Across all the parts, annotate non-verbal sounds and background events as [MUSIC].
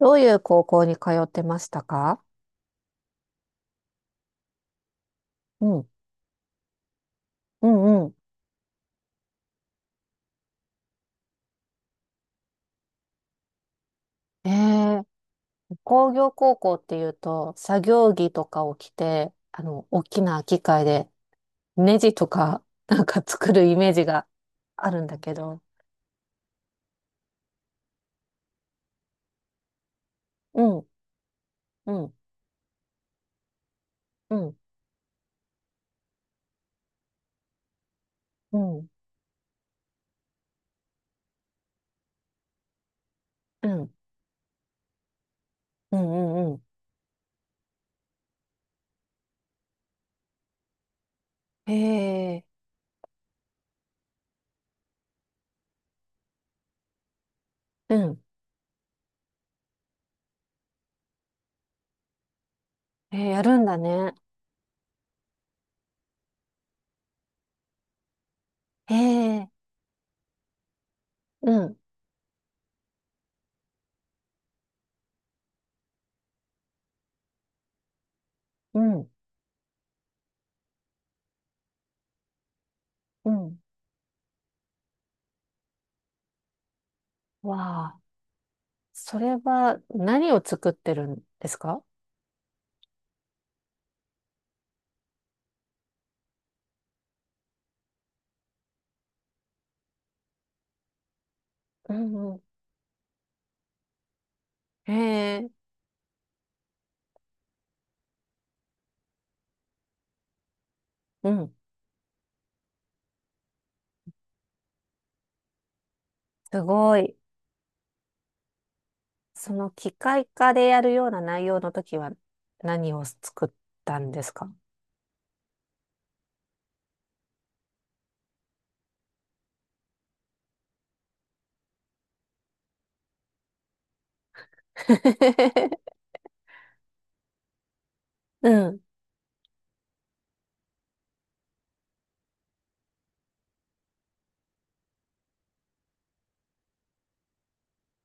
どういう高校に通ってましたか？うん。うんうん。ええ。工業高校っていうと、作業着とかを着て、大きな機械で、ネジとか、[LAUGHS] なんか作るイメージがあるんだけど。うん、うん、うん、うん、うん、うん、うん、うん。ええ。うん。ええ、やるんだね。ええ。うん、うん、うん。わあ、それは何を作ってるんですか？うん、うん。ええ。うん。すごい。その機械化でやるような内容の時は何を作ったんですか？ [LAUGHS] うん。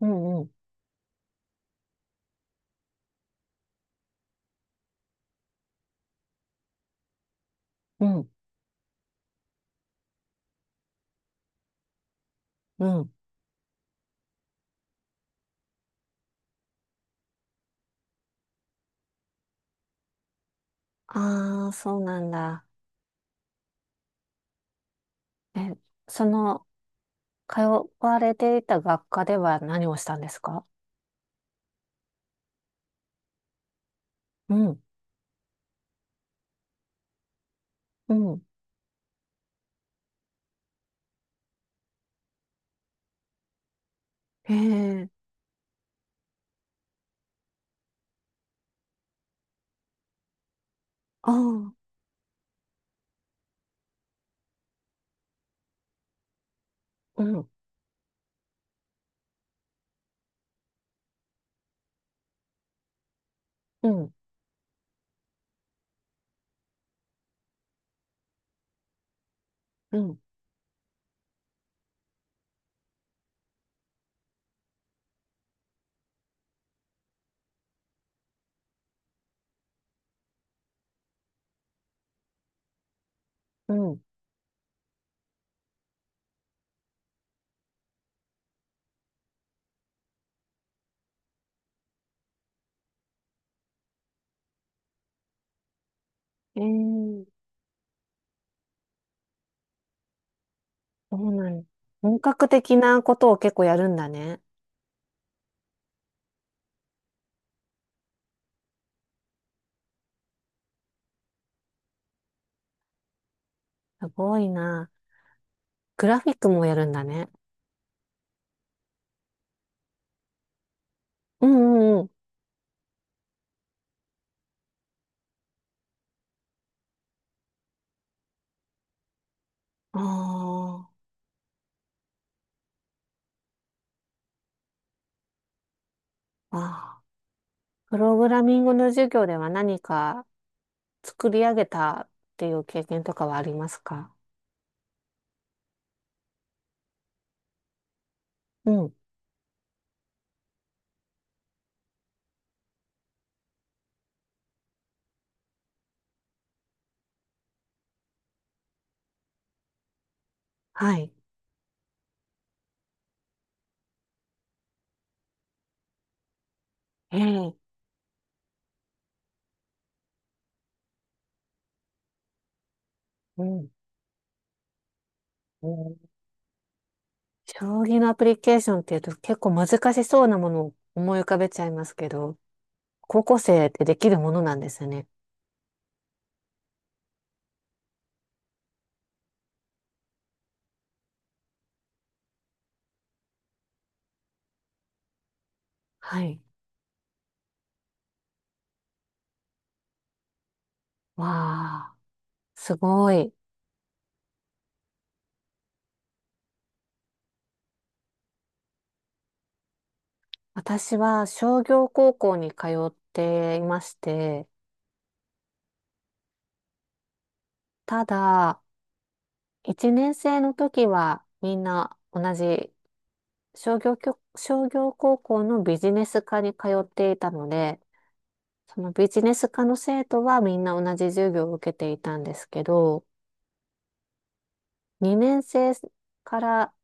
うん、うん、うん、うん。ああ、そうなんだ。え、その、通われていた学科では何をしたんですか？うん、うん。へえ、ああ、うん、うん、うん、うん。ええ、そうなん。本格的なことを結構やるんだね。すごいな。グラフィックもやるんだね。うんうん。ああ、ああ。プログラミングの授業では何か作り上げたっていう経験とかはありますか？うん。はい。ええ。うん、うん。将棋のアプリケーションっていうと結構難しそうなものを思い浮かべちゃいますけど、高校生ってできるものなんですよね。はい。わあ、すごい。私は商業高校に通っていまして、ただ、1年生の時はみんな同じ商業高校のビジネス科に通っていたので、そのビジネス科の生徒はみんな同じ授業を受けていたんですけど、2年生から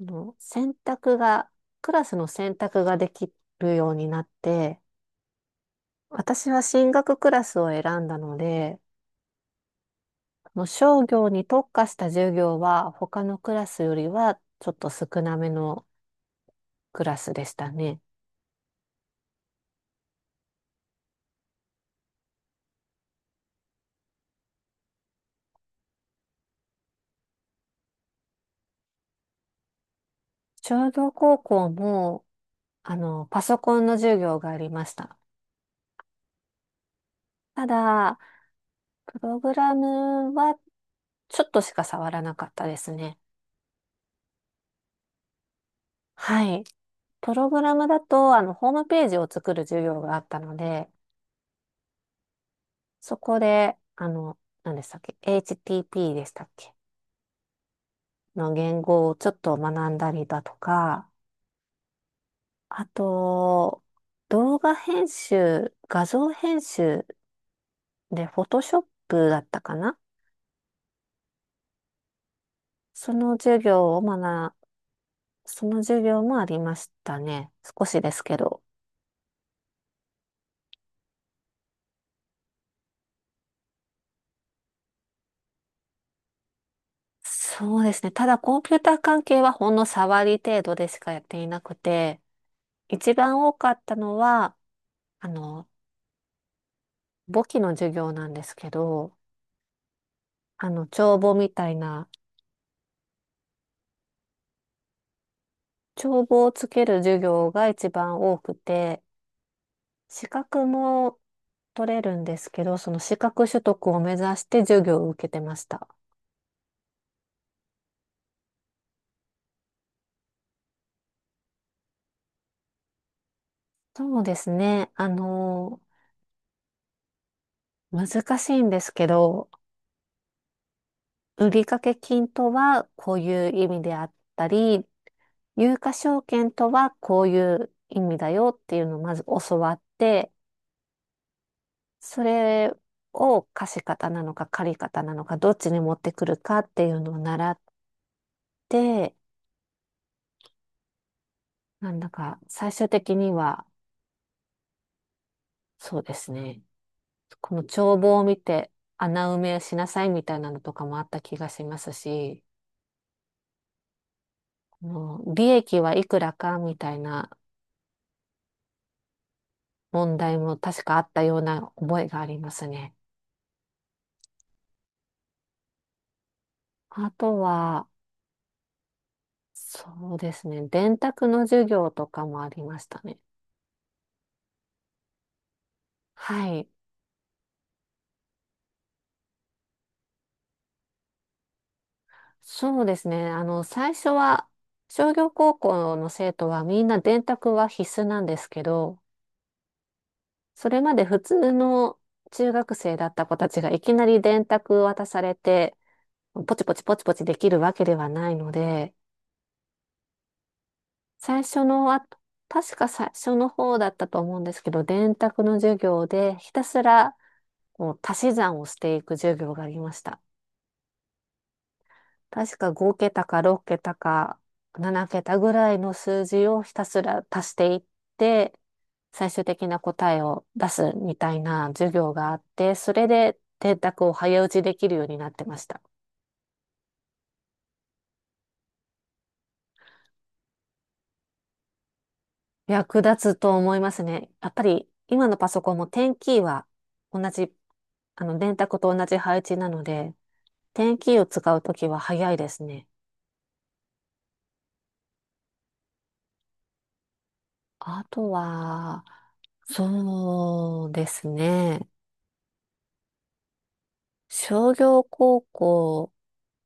の選択が、クラスの選択ができるようになって、私は進学クラスを選んだので、その商業に特化した授業は他のクラスよりはちょっと少なめのクラスでしたね。商業高校もパソコンの授業がありました。ただ、プログラムはちょっとしか触らなかったですね。はい。プログラムだと、ホームページを作る授業があったので、そこで、何でしたっけ ?HTP でしたっけの言語をちょっと学んだりだとか、あと、動画編集、画像編集で、フォトショップだったかな、その授業を学その授業もありましたね。少しですけど。そうですね。ただコンピューター関係はほんの触り程度でしかやっていなくて、一番多かったのは、あの、簿記の授業なんですけど、帳簿みたいな、帳簿をつける授業が一番多くて、資格も取れるんですけど、その資格取得を目指して授業を受けてました。そうですね。難しいんですけど、売掛金とはこういう意味であったり、有価証券とはこういう意味だよっていうのをまず教わって、それを貸方なのか借方なのかどっちに持ってくるかっていうのを習って、なんだか最終的にはそうですね、この帳簿を見て穴埋めしなさいみたいなのとかもあった気がしますし、この利益はいくらかみたいな問題も確かあったような覚えがありますね。あとは、そうですね、電卓の授業とかもありましたね。はい。そうですね。最初は、商業高校の生徒はみんな電卓は必須なんですけど、それまで普通の中学生だった子たちがいきなり電卓渡されて、ポチポチポチポチできるわけではないので、最初のあ、確か最初の方だったと思うんですけど、電卓の授業でひたすらこう足し算をしていく授業がありました。確か5桁か6桁か7桁ぐらいの数字をひたすら足していって、最終的な答えを出すみたいな授業があって、それで電卓を早打ちできるようになってました。役立つと思いますね。やっぱり今のパソコンもテンキーは同じ、あの電卓と同じ配置なので、テンキーを使うときは早いですね。あとは、そうですね。商業高校、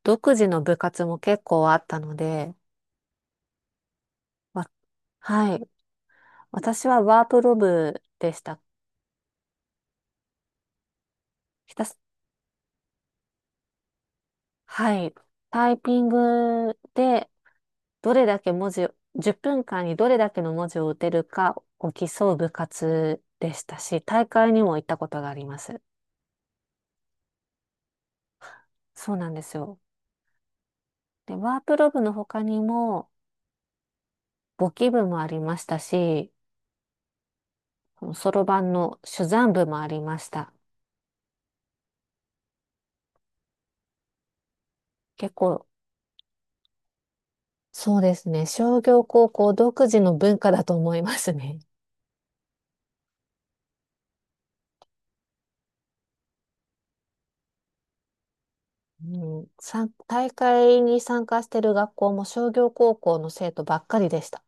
独自の部活も結構あったので、わはい。私はワープロ部でした。ひたす、はい。タイピングで、どれだけ文字を、10分間にどれだけの文字を打てるかを競う部活でしたし、大会にも行ったことがあります。そうなんですよ。で、ワープロ部の他にも、簿記部もありましたし、そのそろばんの珠算部もありました。結構、そうですね。商業高校独自の文化だと思いますね。うん、大会に参加してる学校も商業高校の生徒ばっかりでした。